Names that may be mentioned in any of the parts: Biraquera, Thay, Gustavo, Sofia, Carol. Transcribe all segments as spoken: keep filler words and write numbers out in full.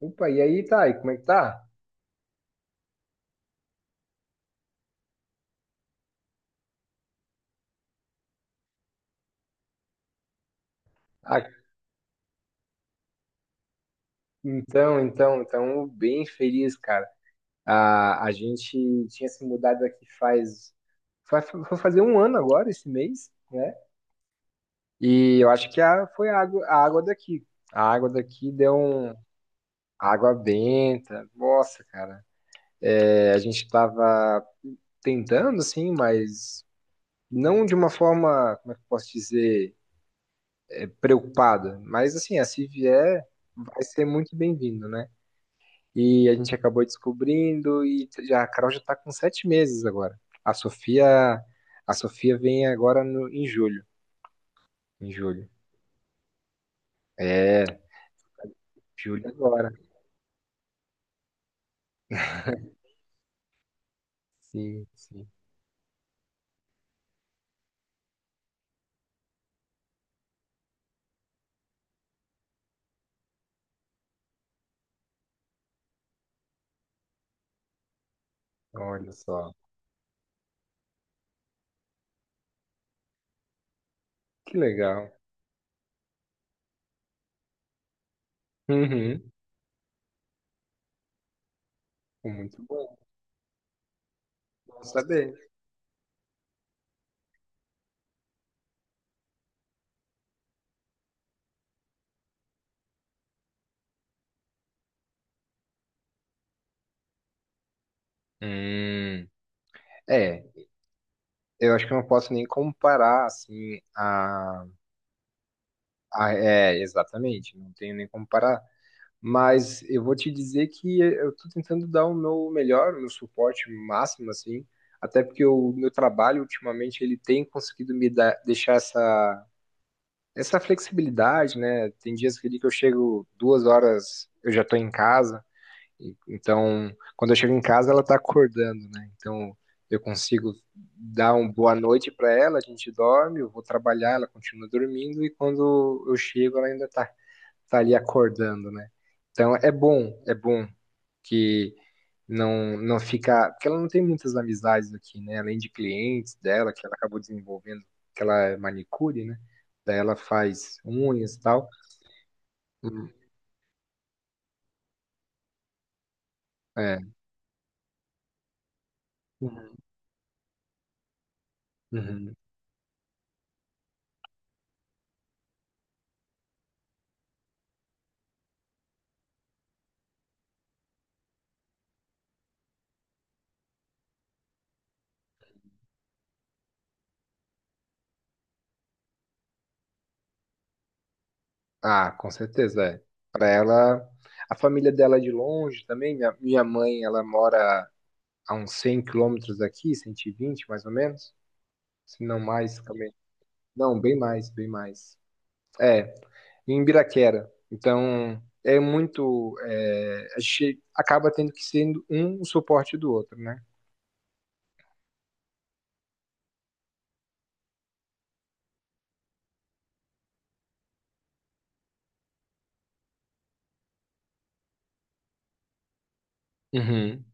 Opa, e aí, Thay, como é que tá? Ah, então, então, então, bem feliz, cara. A, a gente tinha se mudado aqui faz, faz, vai fazer um ano agora, esse mês, né? E eu acho que a, foi a água, a água daqui. A água daqui deu um, água benta. Nossa, cara. É, a gente tava tentando, assim, mas não de uma forma, como é que eu posso dizer, é, preocupada. Mas, assim, a se vier, vai ser muito bem-vindo, né? E a gente acabou descobrindo e já, a Carol já está com sete meses agora. A Sofia, a Sofia vem agora no- em julho. Em julho. É, julho agora. Sim, sim. Olha só. Que legal. Uhum. Muito bom. Bom saber. Hum, é, eu acho que eu não posso nem comparar, assim, a, a- é, exatamente. Não tenho nem como comparar. Mas eu vou te dizer que eu estou tentando dar o meu melhor, o meu suporte máximo, assim, até porque o meu trabalho ultimamente ele tem conseguido me dar, deixar essa, essa flexibilidade, né? Tem dias que ali que eu chego duas horas, eu já estou em casa, e- então quando eu chego em casa ela está acordando, né? Então eu consigo dar uma boa noite para ela, a gente dorme, eu vou trabalhar, ela continua dormindo e quando eu chego ela ainda está tá ali acordando, né? Então é bom, é bom que não não fica, porque ela não tem muitas amizades aqui, né? Além de clientes dela que ela acabou desenvolvendo, que ela é manicure, né? Daí ela faz unhas e tal. Hum. É. Uhum. Uhum. Ah, com certeza, é. Para ela, a família dela é de longe também. Minha, minha mãe, ela mora a uns cem quilômetros daqui, cento e vinte, mais ou menos, se não mais também. Não, bem mais, bem mais. É, em Biraquera. Então, é muito. É, a gente acaba tendo que sendo um o suporte do outro, né? Uhum.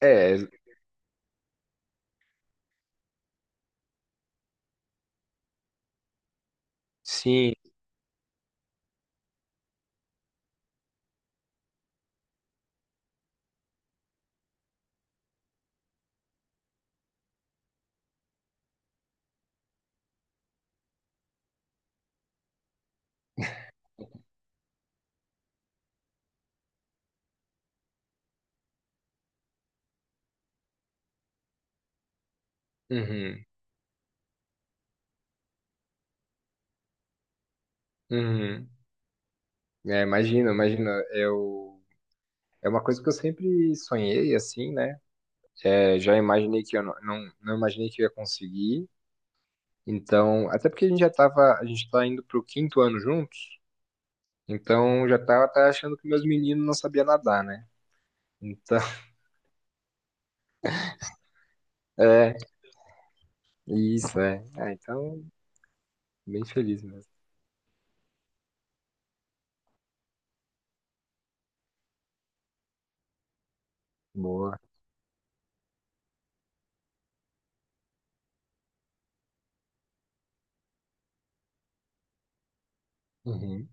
É, sim. Uhum. Uhum. É, imagina, imagina. Eu, é uma coisa que eu sempre sonhei, assim, né? É, já imaginei que eu não, não, não imaginei que eu ia conseguir. Então, até porque a gente já tava, a gente tá indo pro quinto ano juntos, então já tava tá achando que meus meninos não sabiam nadar, né? Então, é, isso, é. Ah, então. Bem feliz mesmo. Boa. Uhum.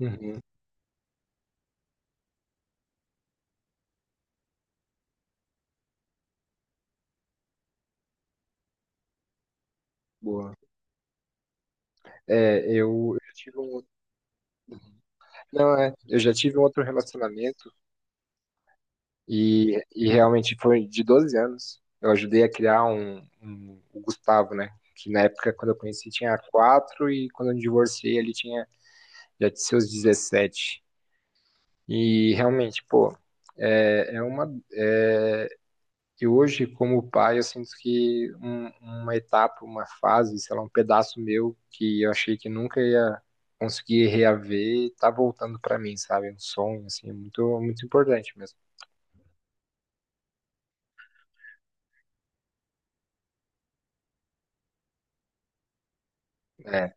Uhum. Boa. É, eu, eu já tive um. Não, é. Eu já tive um outro relacionamento e, e realmente foi de doze anos. Eu ajudei a criar um, um- o Gustavo, né? Que na época, quando eu conheci, tinha quatro, e quando eu divorciei, ele tinha já seus dezessete. E realmente, pô, é, é, uma. é, E hoje, como pai, eu sinto que um- uma etapa, uma fase, sei lá, um pedaço meu que eu achei que nunca ia conseguir reaver, tá voltando pra mim, sabe? Um sonho, assim, muito, muito importante mesmo. É.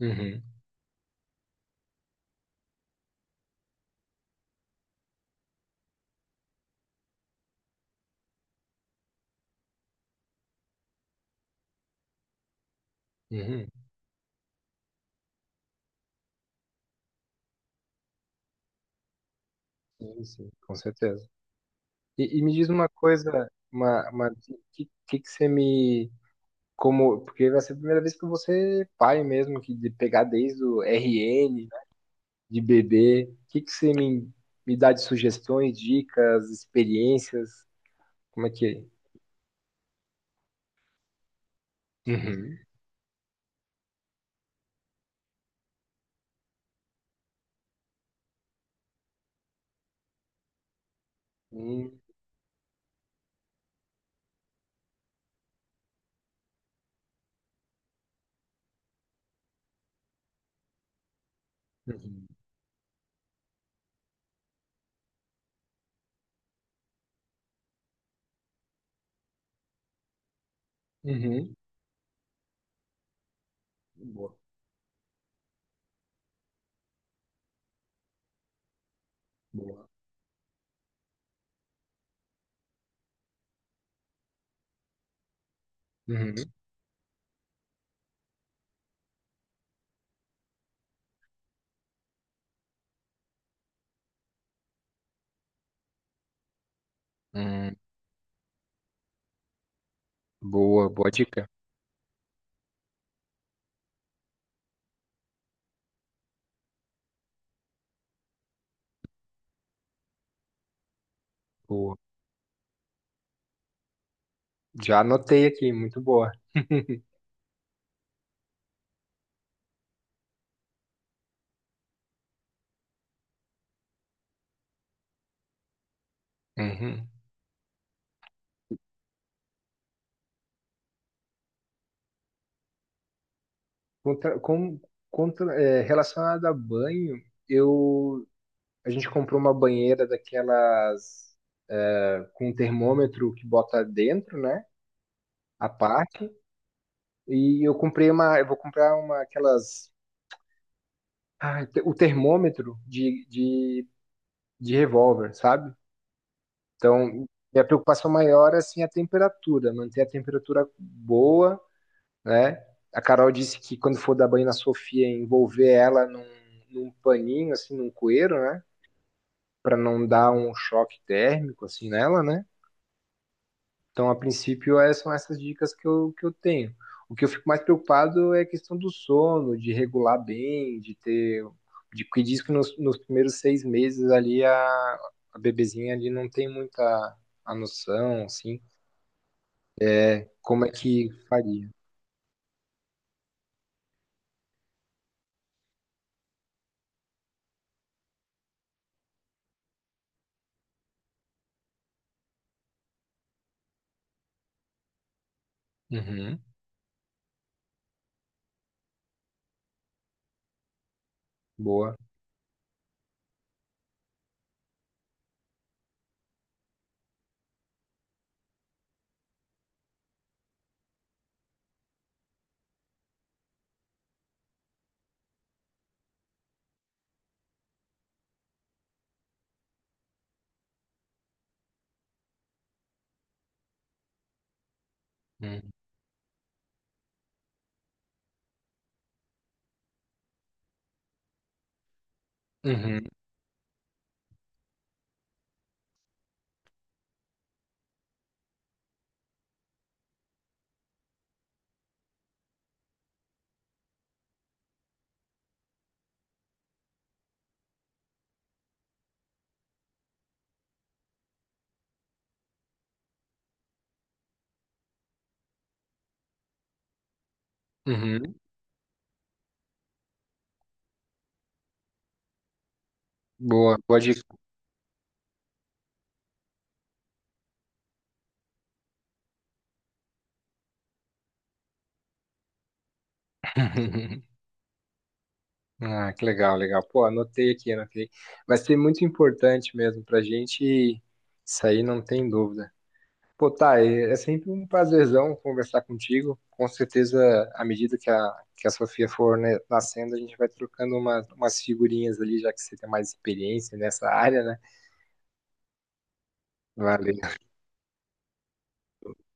Uhum. Uhum. Sim, sim, com certeza. E, e me diz uma coisa, uma, uma, que, que que você me, como, porque vai ser a primeira vez que eu vou ser pai mesmo, que de pegar desde o R N, de bebê. O que que você me, me dá de sugestões, dicas, experiências? Como é que é? Uhum. Hum. Uhum. Uhum. Boa, boa. Uhum. Hum. Boa, boa dica. Boa. Já anotei aqui, muito boa. Uhum. Contra, com, contra, é, relacionado a banho, eu, a gente comprou uma banheira daquelas, é, com um termômetro que bota dentro, né? A parte. E eu comprei uma, eu vou comprar uma aquelas, ah, te- o termômetro de, de, de revólver, sabe? Então, minha preocupação maior é assim, a temperatura, manter a temperatura boa, né? A Carol disse que quando for dar banho na Sofia, envolver ela num, num paninho, assim, num cueiro, né? Para não dar um choque térmico, assim, nela, né? Então, a princípio, é- são essas dicas que eu, que eu tenho. O que eu fico mais preocupado é a questão do sono, de regular bem, de ter. De, que diz que nos, nos primeiros seis meses ali a, a bebezinha ali não tem muita a noção, assim, como é que faria. Uhum, boa. Uhum, uhum, uhum, boa, boa dica. Ah, que legal, legal. Pô, anotei aqui, anotei. Vai ser muito importante mesmo pra gente, isso aí não tem dúvida. Pô, Thay, é é sempre um prazerzão conversar contigo. Com certeza, à medida que a, que a Sofia for, né, nascendo, a gente vai trocando umas, umas figurinhas ali, já que você tem mais experiência nessa área, né? Valeu,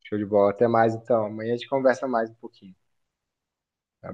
show de bola. Até mais, então. Amanhã a gente conversa mais um pouquinho. Tá?